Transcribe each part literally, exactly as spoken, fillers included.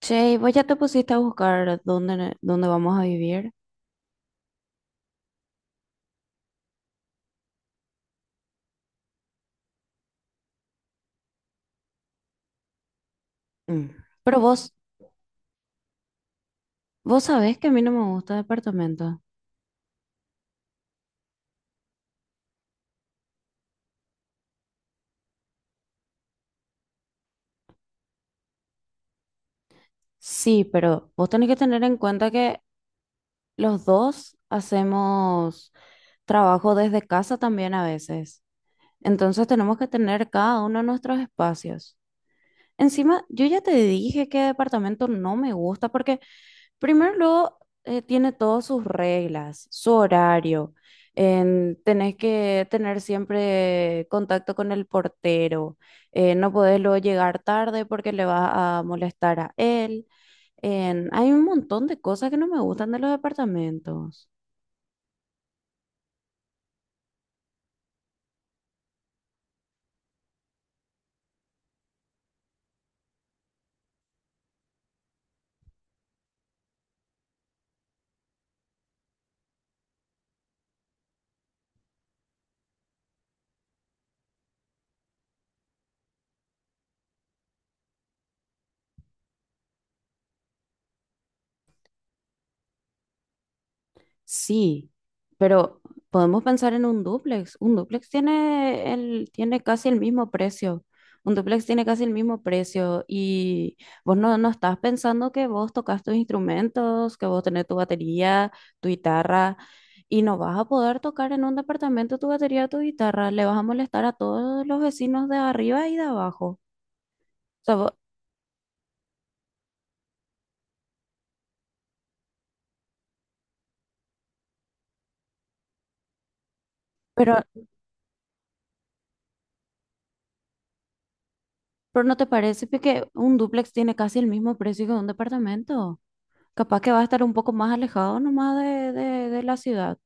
Che, ¿y vos ya te pusiste a buscar dónde, ne- dónde vamos a vivir? Mm. Pero vos, vos sabés que a mí no me gusta departamento. Sí, pero vos tenés que tener en cuenta que los dos hacemos trabajo desde casa también a veces. Entonces tenemos que tener cada uno nuestros espacios. Encima, yo ya te dije que departamento no me gusta porque primero, luego, eh, tiene todas sus reglas, su horario. En- tenés que tener siempre contacto con el portero. Eh, no podés luego llegar tarde porque le vas a molestar a él. En- hay un montón de cosas que no me gustan de los departamentos. Sí, pero podemos pensar en un dúplex. Un dúplex tiene el, tiene casi el mismo precio. Un dúplex tiene casi el mismo precio. Y vos no, no estás pensando que vos tocas tus instrumentos, que vos tenés tu batería, tu guitarra, y no vas a poder tocar en un departamento tu batería, tu guitarra. Le vas a molestar a todos los vecinos de arriba y de abajo. O sea, vos- pero, pero ¿no te parece pe, que un dúplex tiene casi el mismo precio que un departamento? Capaz que va a estar un poco más alejado nomás de, de, de la ciudad.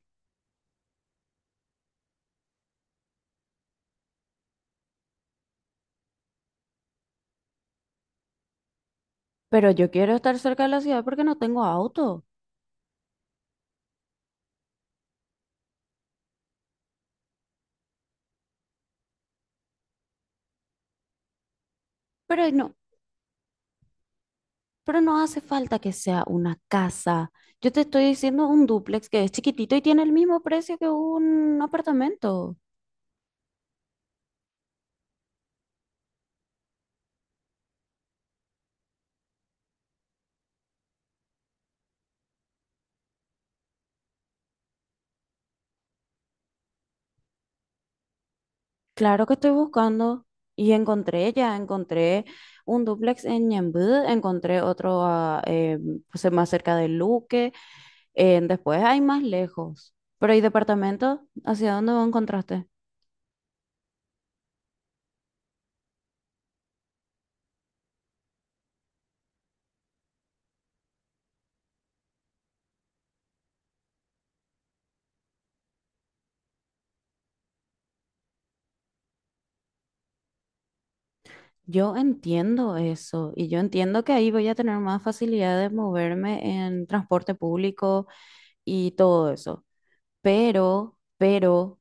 Pero yo quiero estar cerca de la ciudad porque no tengo auto. Pero no, pero no hace falta que sea una casa. Yo te estoy diciendo un dúplex que es chiquitito y tiene el mismo precio que un apartamento. Claro que estoy buscando y encontré ya, encontré un dúplex en Ñemby, encontré otro a, eh, pues, más cerca de Luque, eh, después hay más lejos. Pero ¿y departamento? ¿Hacia dónde lo encontraste? Yo entiendo eso y yo entiendo que ahí voy a tener más facilidad de moverme en transporte público y todo eso. Pero, pero,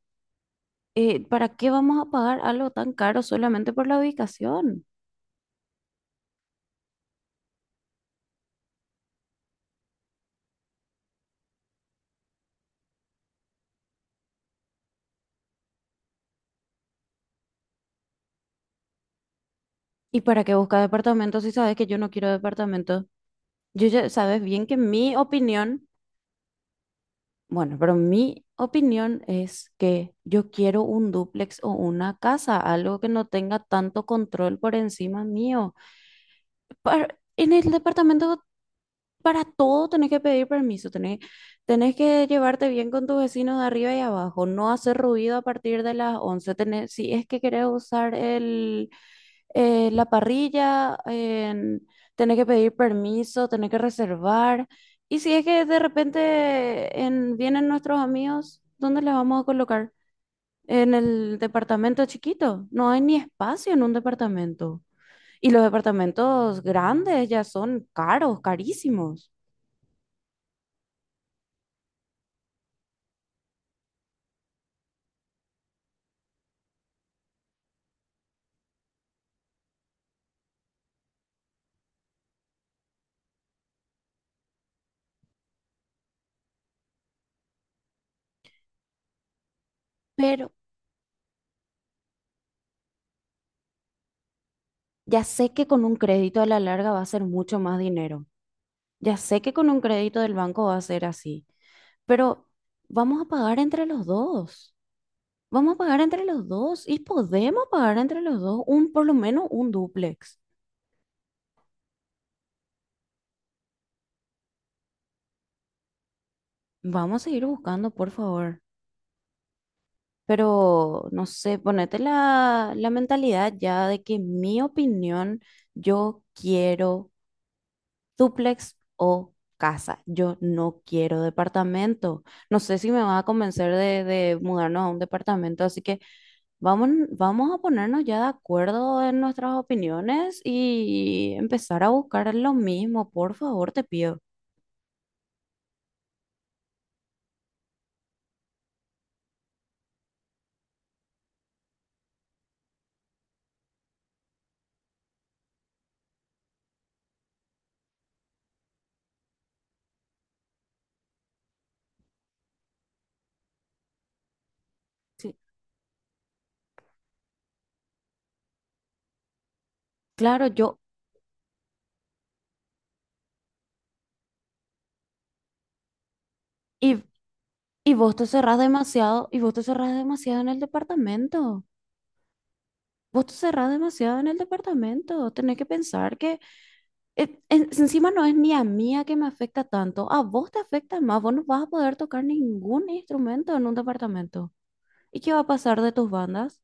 eh, ¿para qué vamos a pagar algo tan caro solamente por la ubicación? ¿Y para qué buscar departamentos si sabes que yo no quiero departamentos? Yo ya sabes bien que mi opinión. Bueno, pero mi opinión es que yo quiero un dúplex o una casa, algo que no tenga tanto control por encima mío. Par- en el departamento para todo tenés que pedir permiso, tenés, tenés que llevarte bien con tus vecinos de arriba y abajo, no hacer ruido a partir de las once tenés, si es que querés usar el, eh, la parrilla, en tener que pedir permiso, tener que reservar. Y si es que de repente en- vienen nuestros amigos, ¿dónde les vamos a colocar? En el departamento chiquito. No hay ni espacio en un departamento. Y los departamentos grandes ya son caros, carísimos. Pero ya sé que con un crédito a la larga va a ser mucho más dinero. Ya sé que con un crédito del banco va a ser así. Pero vamos a pagar entre los dos. Vamos a pagar entre los dos y podemos pagar entre los dos un, por lo menos un dúplex. Vamos a seguir buscando, por favor. Pero, no sé, ponete la, la mentalidad ya de que mi opinión, yo quiero dúplex o casa. Yo no quiero departamento. No sé si me va a convencer de, de mudarnos a un departamento, así que vamos, vamos a ponernos ya de acuerdo en nuestras opiniones y empezar a buscar lo mismo, por favor, te pido. Sí. Claro, yo, y, y vos te cerrás demasiado, y vos te cerrás demasiado en el departamento. Vos te cerrás demasiado en el departamento. Tenés que pensar que eh, en- encima no es ni a mí a que me afecta tanto. A vos te afecta más. Vos no vas a poder tocar ningún instrumento en un departamento. ¿Y qué va a pasar de tus bandas?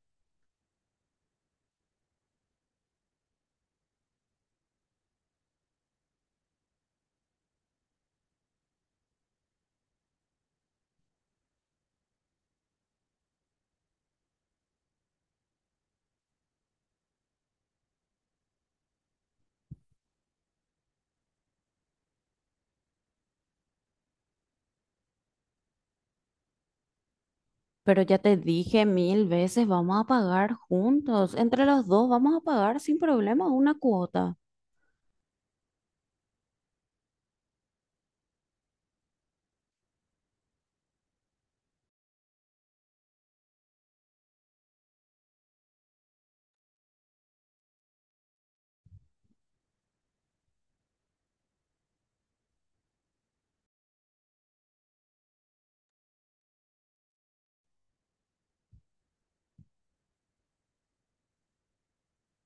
Pero ya te dije mil veces, vamos a pagar juntos. Entre los dos vamos a pagar sin problema una cuota.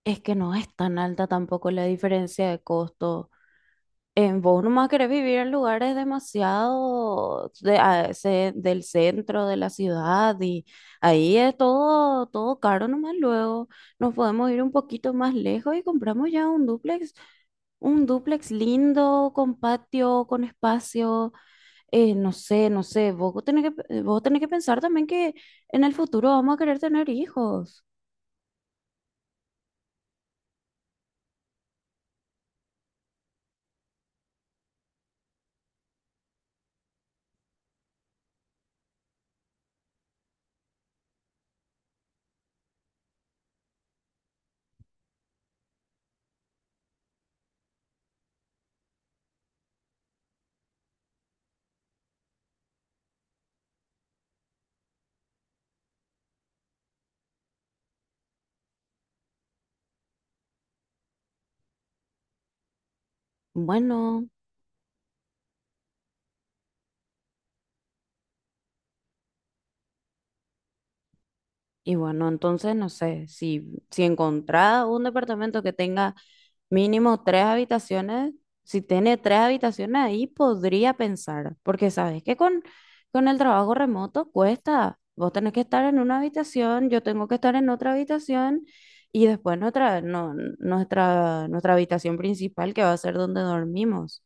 Es que no es tan alta tampoco la diferencia de costo. Eh, vos nomás querés vivir en lugares demasiado de- a- ce- del centro de la ciudad y ahí es todo, todo caro nomás luego. Nos podemos ir un poquito más lejos y compramos ya un dúplex, un dúplex lindo, con patio, con espacio, eh, no sé, no sé, vos tenés que, pe- vos tenés que pensar también que en el futuro vamos a querer tener hijos. Bueno. Y bueno, entonces no sé, si, si encontrás un departamento que tenga mínimo tres habitaciones, si tiene tres habitaciones ahí podría pensar, porque sabes que con, con el trabajo remoto cuesta, vos tenés que estar en una habitación, yo tengo que estar en otra habitación y después nuestra, no, nuestra, nuestra habitación principal que va a ser donde dormimos.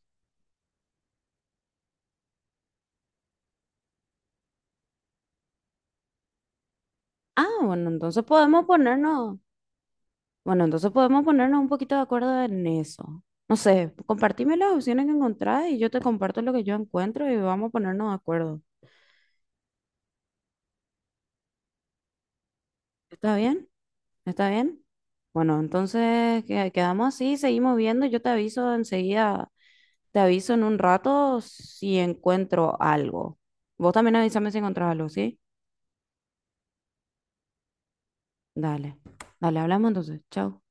Ah, bueno, entonces podemos ponernos. Bueno, entonces podemos ponernos un poquito de acuerdo en eso. No sé, compartime las opciones que encontrás y yo te comparto lo que yo encuentro y vamos a ponernos de acuerdo. ¿Está bien? ¿Está bien? Bueno, entonces que- quedamos así, seguimos viendo. Yo te aviso enseguida, te aviso en un rato si encuentro algo. Vos también avísame si encontrás algo, ¿sí? Dale, dale, hablamos entonces. Chao.